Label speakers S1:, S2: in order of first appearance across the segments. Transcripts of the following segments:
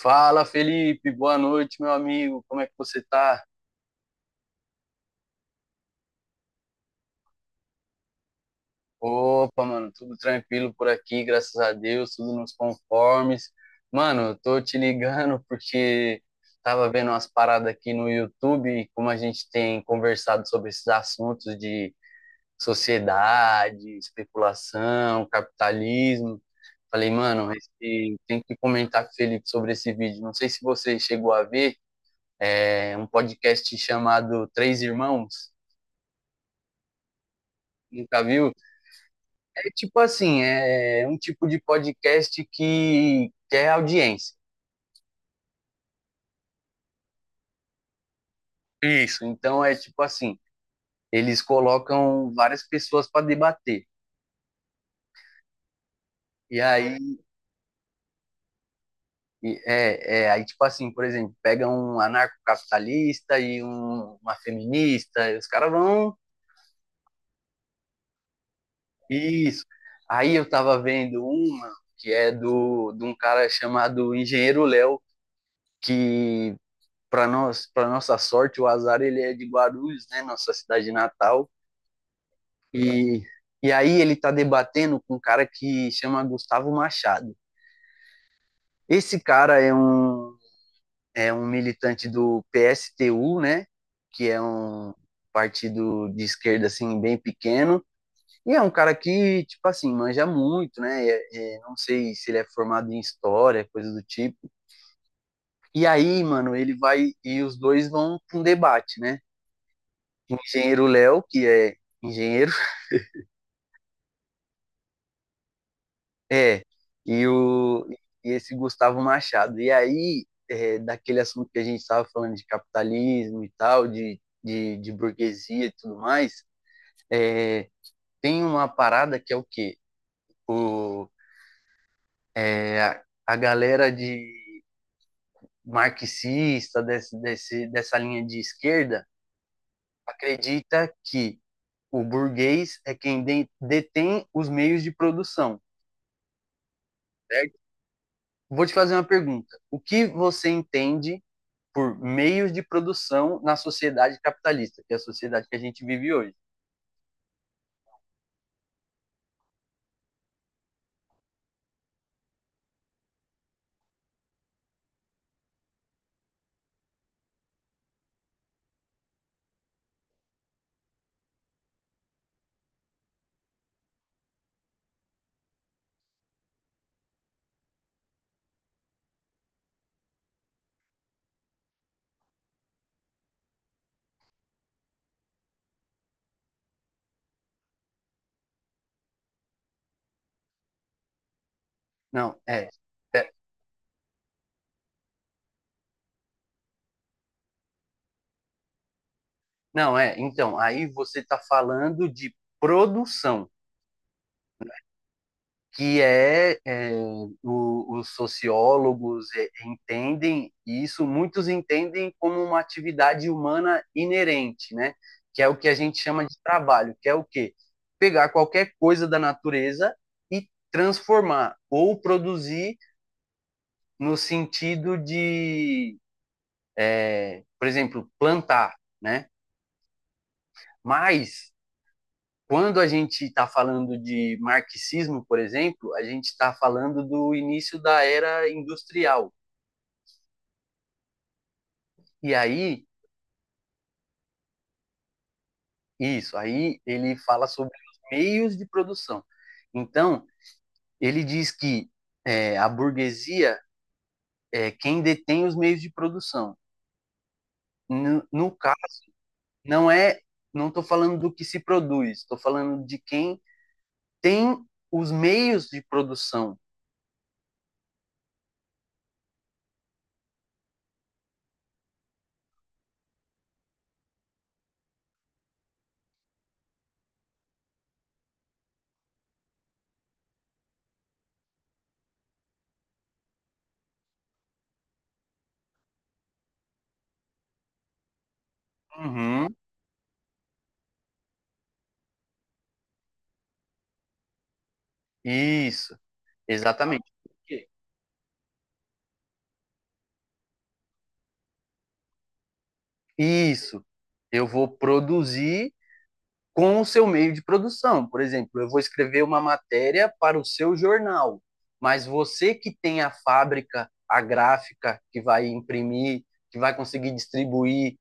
S1: Fala, Felipe, boa noite, meu amigo. Como é que você tá? Opa, mano, tudo tranquilo por aqui, graças a Deus, tudo nos conformes. Mano, eu tô te ligando porque tava vendo umas paradas aqui no YouTube, e como a gente tem conversado sobre esses assuntos de sociedade, especulação, capitalismo. Falei, mano, tem que comentar com o Felipe sobre esse vídeo. Não sei se você chegou a ver, é um podcast chamado Três Irmãos. Nunca viu? É tipo assim, é um tipo de podcast que quer audiência. Isso. Então é tipo assim, eles colocam várias pessoas para debater. E aí aí tipo assim, por exemplo, pega um anarcocapitalista e uma feminista, e os caras vão isso. Aí eu tava vendo uma que é do de um cara chamado Engenheiro Léo, que para nós, para nossa sorte, o azar ele é de Guarulhos, né, nossa cidade natal. E, e aí ele tá debatendo com um cara que chama Gustavo Machado. Esse cara é é um militante do PSTU, né? Que é um partido de esquerda, assim, bem pequeno. E é um cara que, tipo assim, manja muito, né? Não sei se ele é formado em história, coisa do tipo. E aí, mano, ele vai... E os dois vão pra um debate, né? O engenheiro Léo, que é engenheiro, é, e, o, e esse Gustavo Machado. E aí, é, daquele assunto que a gente estava falando de capitalismo e tal, de burguesia e tudo mais, é, tem uma parada que é o quê? O, a galera de marxista, dessa linha de esquerda, acredita que o burguês é quem detém os meios de produção, certo? Vou te fazer uma pergunta. O que você entende por meios de produção na sociedade capitalista, que é a sociedade que a gente vive hoje. Não, é. é não, é. Então, aí você está falando de produção, que é os sociólogos entendem isso, muitos entendem como uma atividade humana inerente, né? Que é o que a gente chama de trabalho, que é o quê? Pegar qualquer coisa da natureza e transformar ou produzir no sentido de, por exemplo, plantar, né? Mas quando a gente está falando de marxismo, por exemplo, a gente está falando do início da era industrial. E aí, isso, aí ele fala sobre os meios de produção. Então, ele diz que é, a burguesia é quem detém os meios de produção. No caso, não é, não estou falando do que se produz, estou falando de quem tem os meios de produção. Uhum, isso. Exatamente. Por quê? Isso. Eu vou produzir com o seu meio de produção. Por exemplo, eu vou escrever uma matéria para o seu jornal, mas você que tem a fábrica, a gráfica, que vai imprimir, que vai conseguir distribuir,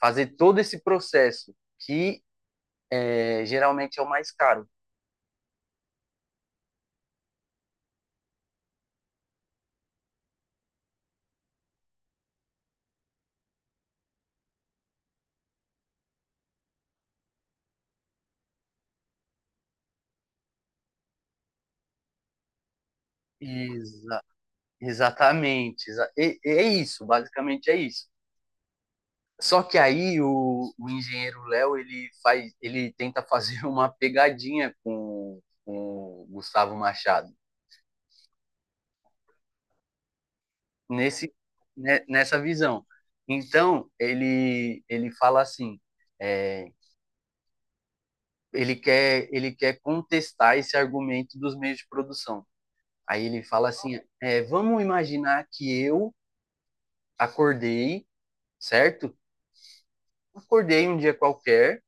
S1: fazer todo esse processo, que é, geralmente é o mais caro. Exa- exatamente. É isso, basicamente é isso. Só que aí o engenheiro Léo ele tenta fazer uma pegadinha com o Gustavo Machado nesse né, nessa visão. Então ele fala assim, é, ele quer contestar esse argumento dos meios de produção. Aí ele fala assim, é, vamos imaginar que eu acordei, certo? Acordei um dia qualquer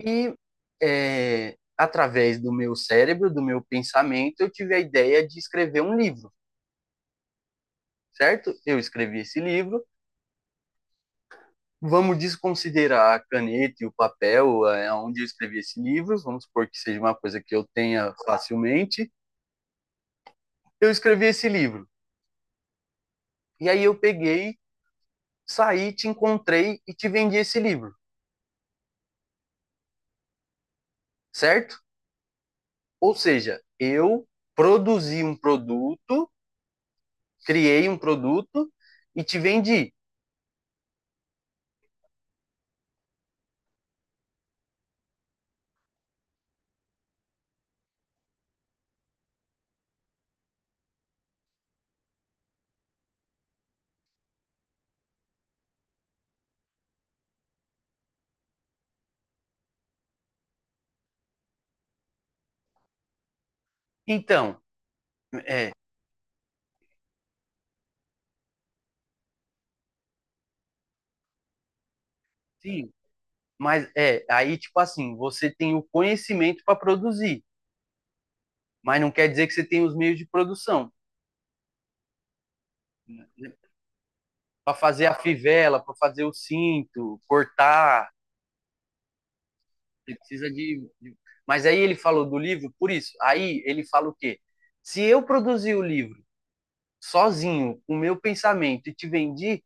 S1: e é, através do meu cérebro, do meu pensamento, eu tive a ideia de escrever um livro, certo? Eu escrevi esse livro. Vamos desconsiderar a caneta e o papel, é, onde eu escrevi esse livro. Vamos supor que seja uma coisa que eu tenha facilmente. Eu escrevi esse livro. E aí eu peguei, saí, te encontrei e te vendi esse livro, certo? Ou seja, eu produzi um produto, criei um produto e te vendi. Então, é, sim, mas é, aí tipo assim, você tem o conhecimento para produzir, mas não quer dizer que você tem os meios de produção. Né? Para fazer a fivela, para fazer o cinto, cortar, você precisa de. Mas aí ele falou do livro por isso. Aí ele fala o quê? Se eu produzir o livro sozinho, com o meu pensamento, e te vendi,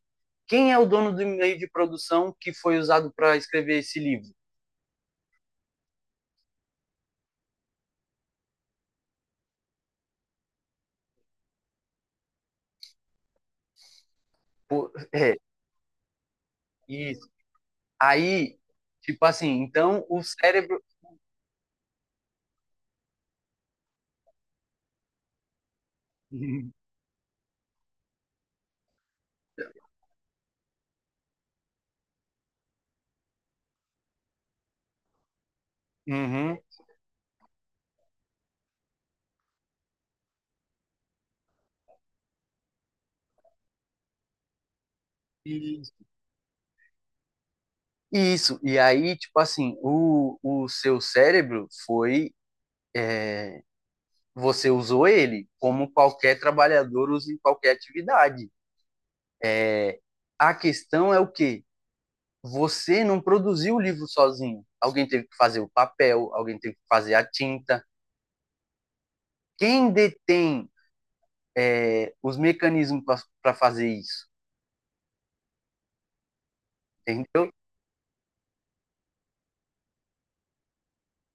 S1: quem é o dono do meio de produção que foi usado para escrever esse livro? Pô, é, isso. Aí, tipo assim, então o cérebro. Uhum. E- isso, e aí, tipo assim, o seu cérebro foi, você usou ele, como qualquer trabalhador usa em qualquer atividade. É, a questão é o quê? Você não produziu o livro sozinho. Alguém teve que fazer o papel, alguém teve que fazer a tinta. Quem detém, é, os mecanismos para fazer isso? Entendeu?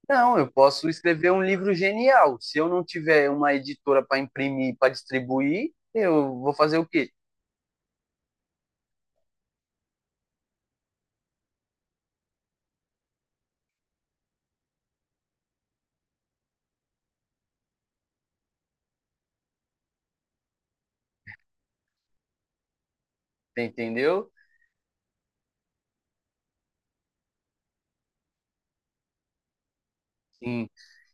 S1: Não, eu posso escrever um livro genial. Se eu não tiver uma editora para imprimir, para distribuir, eu vou fazer o quê? Entendeu? Sim.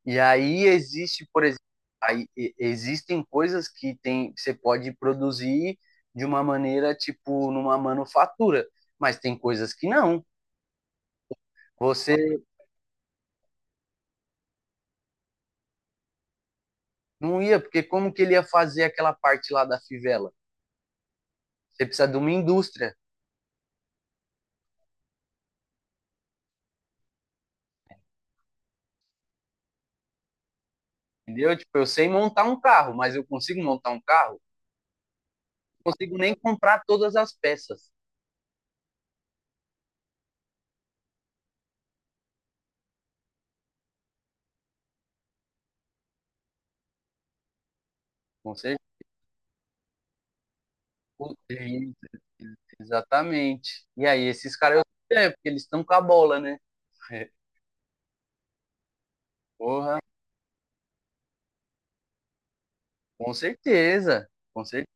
S1: E aí existe, por exemplo, existem coisas que tem, você pode produzir de uma maneira, tipo, numa manufatura, mas tem coisas que não. Você não ia, porque como que ele ia fazer aquela parte lá da fivela? Você precisa de uma indústria, entendeu? Tipo, eu sei montar um carro, mas eu consigo montar um carro? Não consigo nem comprar todas as peças. Com certeza. Ex- Exatamente. E aí, esses caras, eu sei, né? Porque eles estão com a bola, né? Porra, com certeza, com certeza,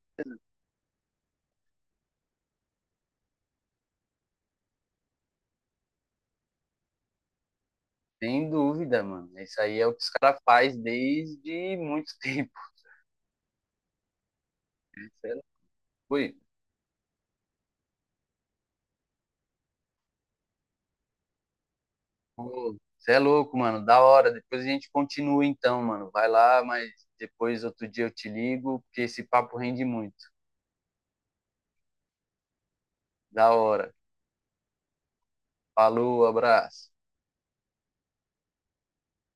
S1: sem dúvida, mano. Isso aí é o que os caras fazem desde muito tempo. Cê é ui, pô, cê é louco, mano. Da hora. Depois a gente continua então, mano. Vai lá, mas depois outro dia eu te ligo, porque esse papo rende muito. Da hora. Falou, abraço.